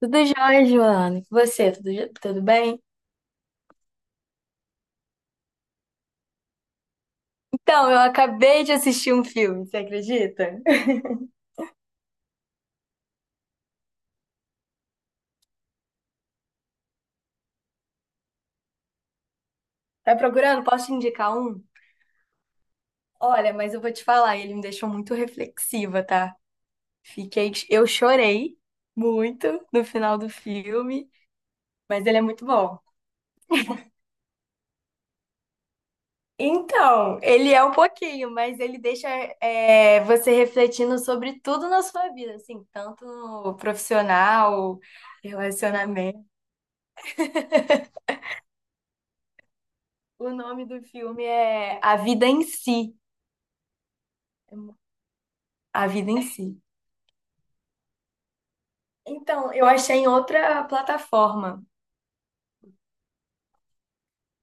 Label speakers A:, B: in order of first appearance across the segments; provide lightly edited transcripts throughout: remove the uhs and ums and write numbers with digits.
A: Tudo jóia, Joana? E você, tudo bem? Então, eu acabei de assistir um filme, você acredita? Tá procurando? Posso te indicar um? Olha, mas eu vou te falar, ele me deixou muito reflexiva, tá? Eu chorei muito no final do filme, mas ele é muito bom. Então, ele é um pouquinho, mas ele deixa você refletindo sobre tudo na sua vida, assim, tanto no profissional, relacionamento. O nome do filme é A Vida em Si. A Vida em Si. Então, eu achei em outra plataforma.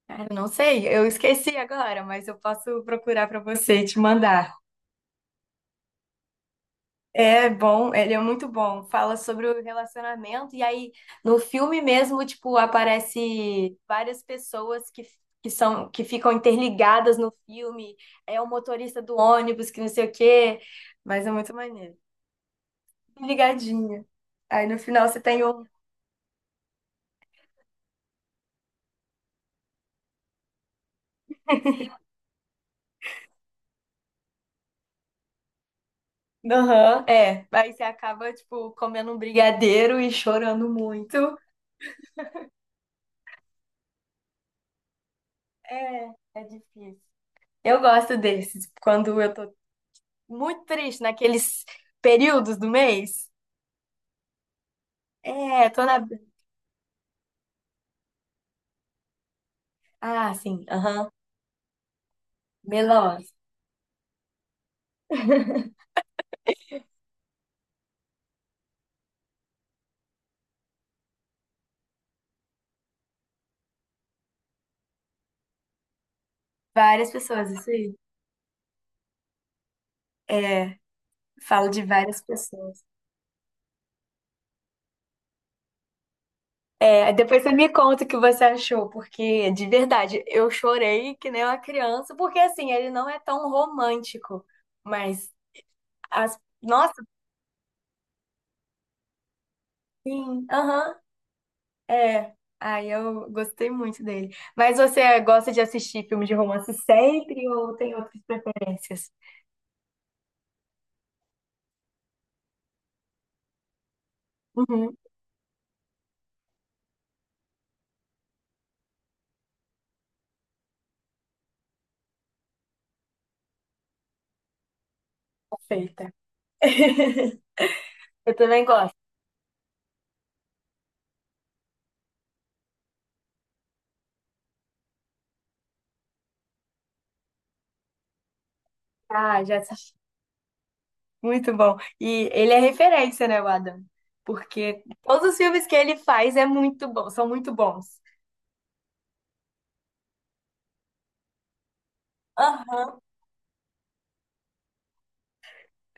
A: Ah, eu não sei, eu esqueci agora, mas eu posso procurar para você e te mandar. É bom, ele é muito bom. Fala sobre o relacionamento, e aí no filme mesmo, tipo, aparece várias pessoas que são que ficam interligadas no filme. É o motorista do ônibus, que não sei o quê, mas é muito maneiro. Ligadinha. Aí no final você tem o Aham, é. Aí você acaba, tipo, comendo um brigadeiro e chorando muito. É, é difícil. Eu gosto desses, quando eu tô muito triste, naqueles períodos do mês. É, tô na. Ah, sim, aham. Melose. Várias pessoas, isso aí. É, falo de várias pessoas. É, aí depois você me conta o que você achou, porque de verdade, eu chorei que nem uma criança, porque assim, ele não é tão romântico, mas as. Nossa, sim, aham, é. Aí eu gostei muito dele. Mas você gosta de assistir filme de romance sempre ou tem outras preferências? Uhum, perfeita. Eu também gosto. Ah, já assisti. Muito bom. E ele é referência, né, o Adam? Porque todos os filmes que ele faz é muito bom, são muito bons. Aham,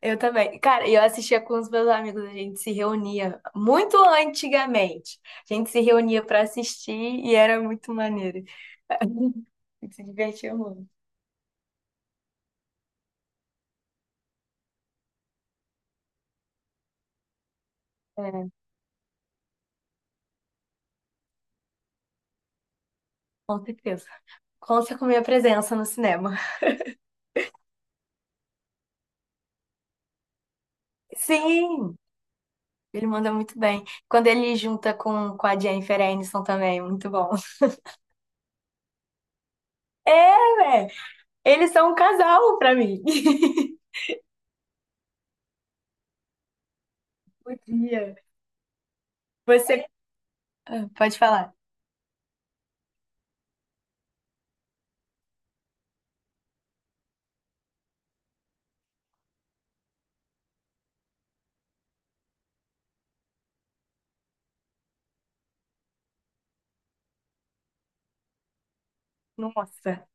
A: eu também. Cara, eu assistia com os meus amigos, a gente se reunia muito antigamente. A gente se reunia pra assistir e era muito maneiro. Tem que se divertir muito. É, com certeza. Conta com minha presença no cinema. Sim, ele manda muito bem. Quando ele junta com a Jennifer Aniston também, muito bom. É, velho, eles são um casal pra mim. Podia. Você Ah, pode falar. Nossa,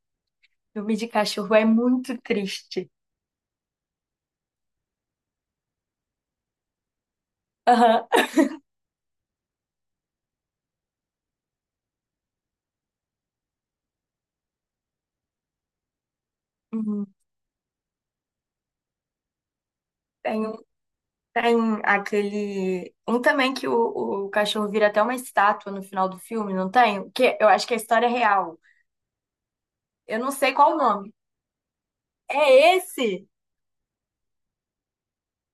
A: filme de cachorro é muito triste. Aham. Uhum. Tem, um- tem aquele. Um também que o cachorro vira até uma estátua no final do filme, não tem? Que eu acho que é a história real. Eu não sei qual o nome. É esse?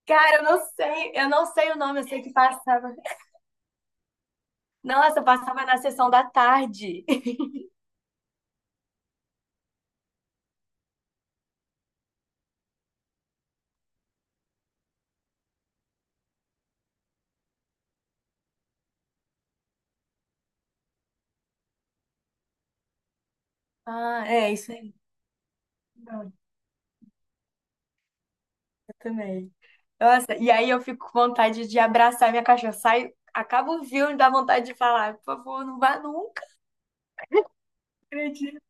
A: Cara, eu não sei. Eu não sei o nome. Eu sei que passava. Nossa, passava na sessão da tarde. Ah, é isso aí. Não, eu também. Nossa, e aí eu fico com vontade de abraçar minha cachorra. Saio, acabo o filme, dá vontade de falar, por favor, não vá nunca. Acredito.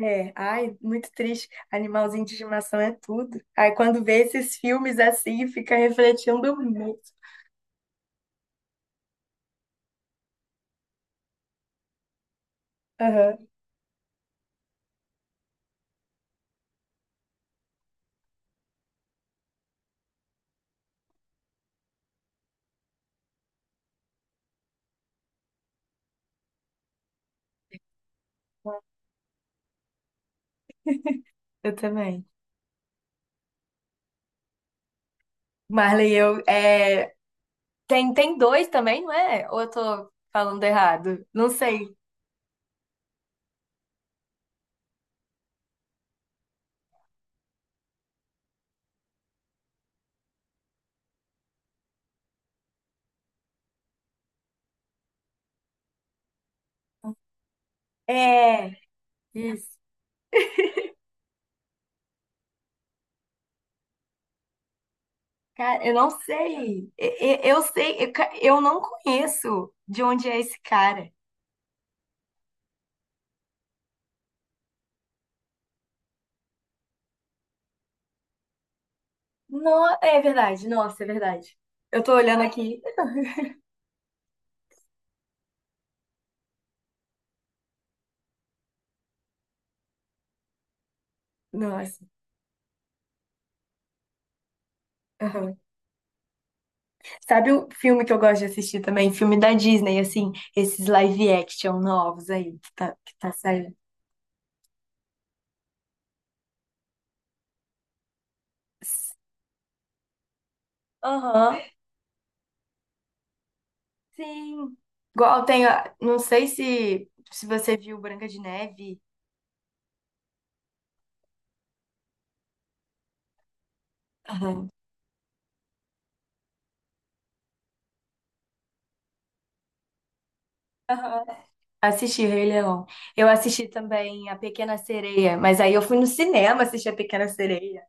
A: É, ai, muito triste. Animalzinho de estimação é tudo. Aí quando vê esses filmes assim, fica refletindo muito. Aham, eu também. Marley, eu, é, tem dois também, não é? Ou eu tô falando errado? Não sei. É, isso. Cara, eu não sei. Eu não conheço de onde é esse cara. No, é verdade, nossa, é verdade. Eu tô olhando aqui. Nossa. Aham. Sabe o filme que eu gosto de assistir também? Filme da Disney, assim, esses live action novos aí que tá saindo. Aham. Sim. Igual tem, não sei se você viu Branca de Neve. Aham. Aham. Assisti Rei Leão. Eu assisti também A Pequena Sereia, mas aí eu fui no cinema assistir A Pequena Sereia.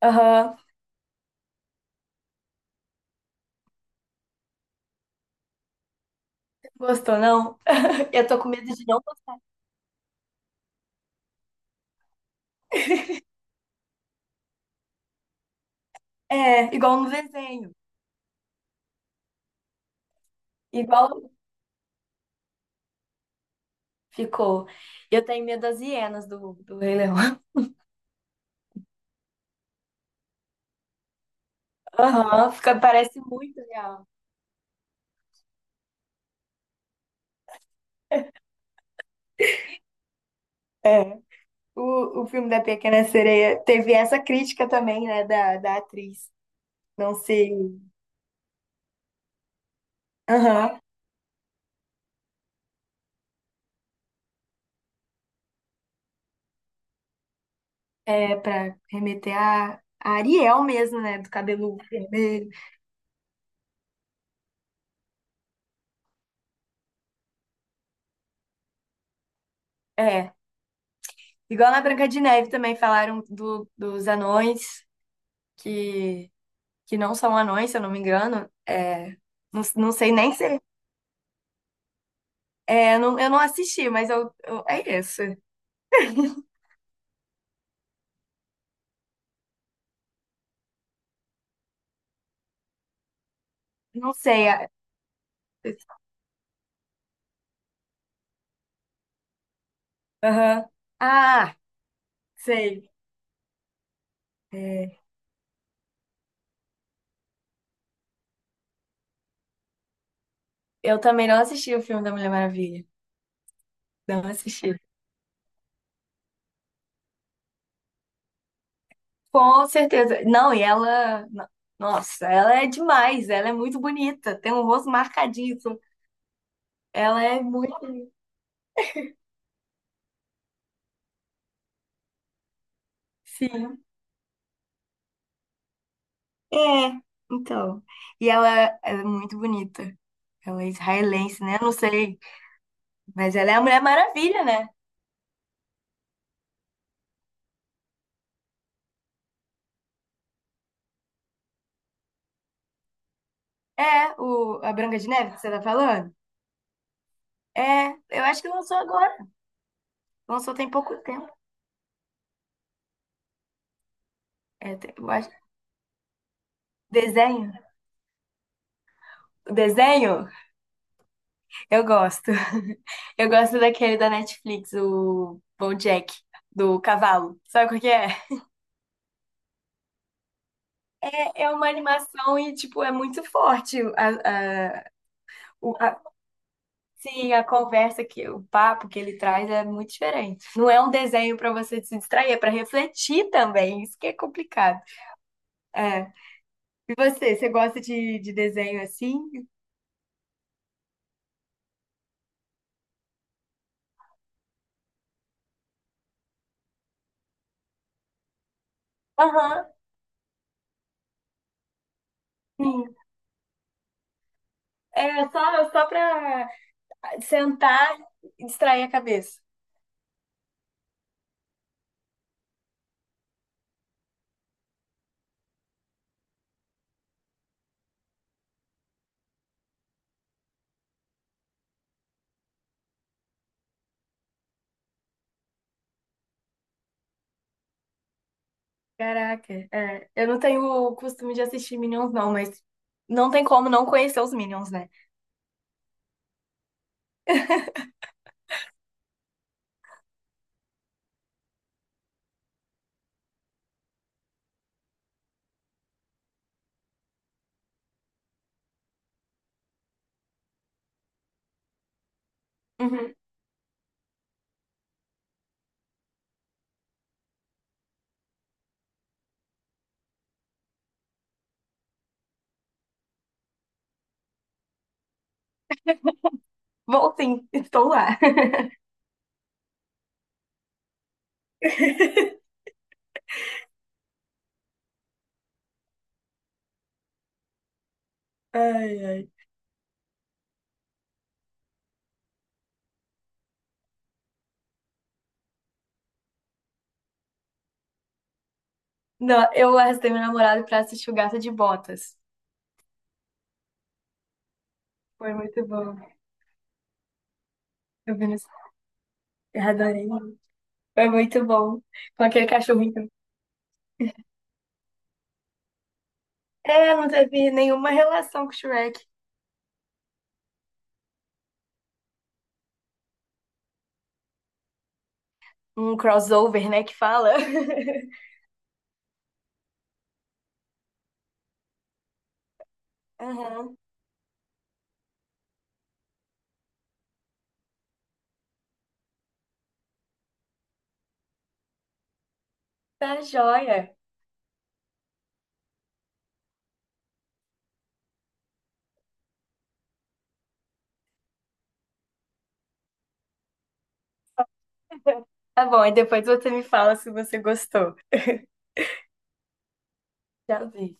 A: Aham. Gostou, não? Eu tô com medo de não. É, igual no desenho. Igual ficou. Eu tenho medo das hienas do Rei Leão. Aham, fica, parece muito real. É. O filme da Pequena Sereia teve essa crítica também, né, da atriz. Não sei. Aham. É, pra remeter a Ariel mesmo, né? Do cabelo vermelho. É, igual na Branca de Neve também falaram do, dos anões, que, que não são anões, se eu não me engano. É, não, não sei nem se. É, não, eu não assisti, mas é isso. Não sei. Aham. Ah, sei. É, eu também não assisti o filme da Mulher Maravilha. Não assisti. Com certeza. Não, e ela. Nossa, ela é demais. Ela é muito bonita. Tem um rosto marcadíssimo. Ela é muito. Sim. É, então. E ela, é muito bonita. Ela é israelense, né? Não sei. Mas ela é a Mulher Maravilha, né? É, o, a Branca de Neve que você tá falando? É, eu acho que lançou agora. Lançou tem pouco tempo. É, eu acho. Desenho. Desenho? Eu gosto. Eu gosto daquele da Netflix, o BoJack, do cavalo. Sabe qual que é? É, é uma animação e, tipo, é muito forte. O- a- sim, a conversa, o papo que ele traz é muito diferente. Não é um desenho pra você se distrair, é pra refletir também. Isso que é complicado. É. E você gosta de desenho assim? Aham, sim. É só, pra sentar e distrair a cabeça. Caraca, é. Eu não tenho o costume de assistir Minions, não, mas não tem como não conhecer os Minions, né? Uhum. Bom, sim, estou lá. Ai, ai. Não, eu arrastei meu namorado pra assistir o Gato de Botas. Foi muito bom. Eu vi no... Eu adorei. Foi muito bom. Com aquele cachorrinho. É, não teve nenhuma relação com o Shrek. Um crossover, né, que fala. Aham. Tá joia. Tá bom, e depois você me fala se você gostou. Já vi.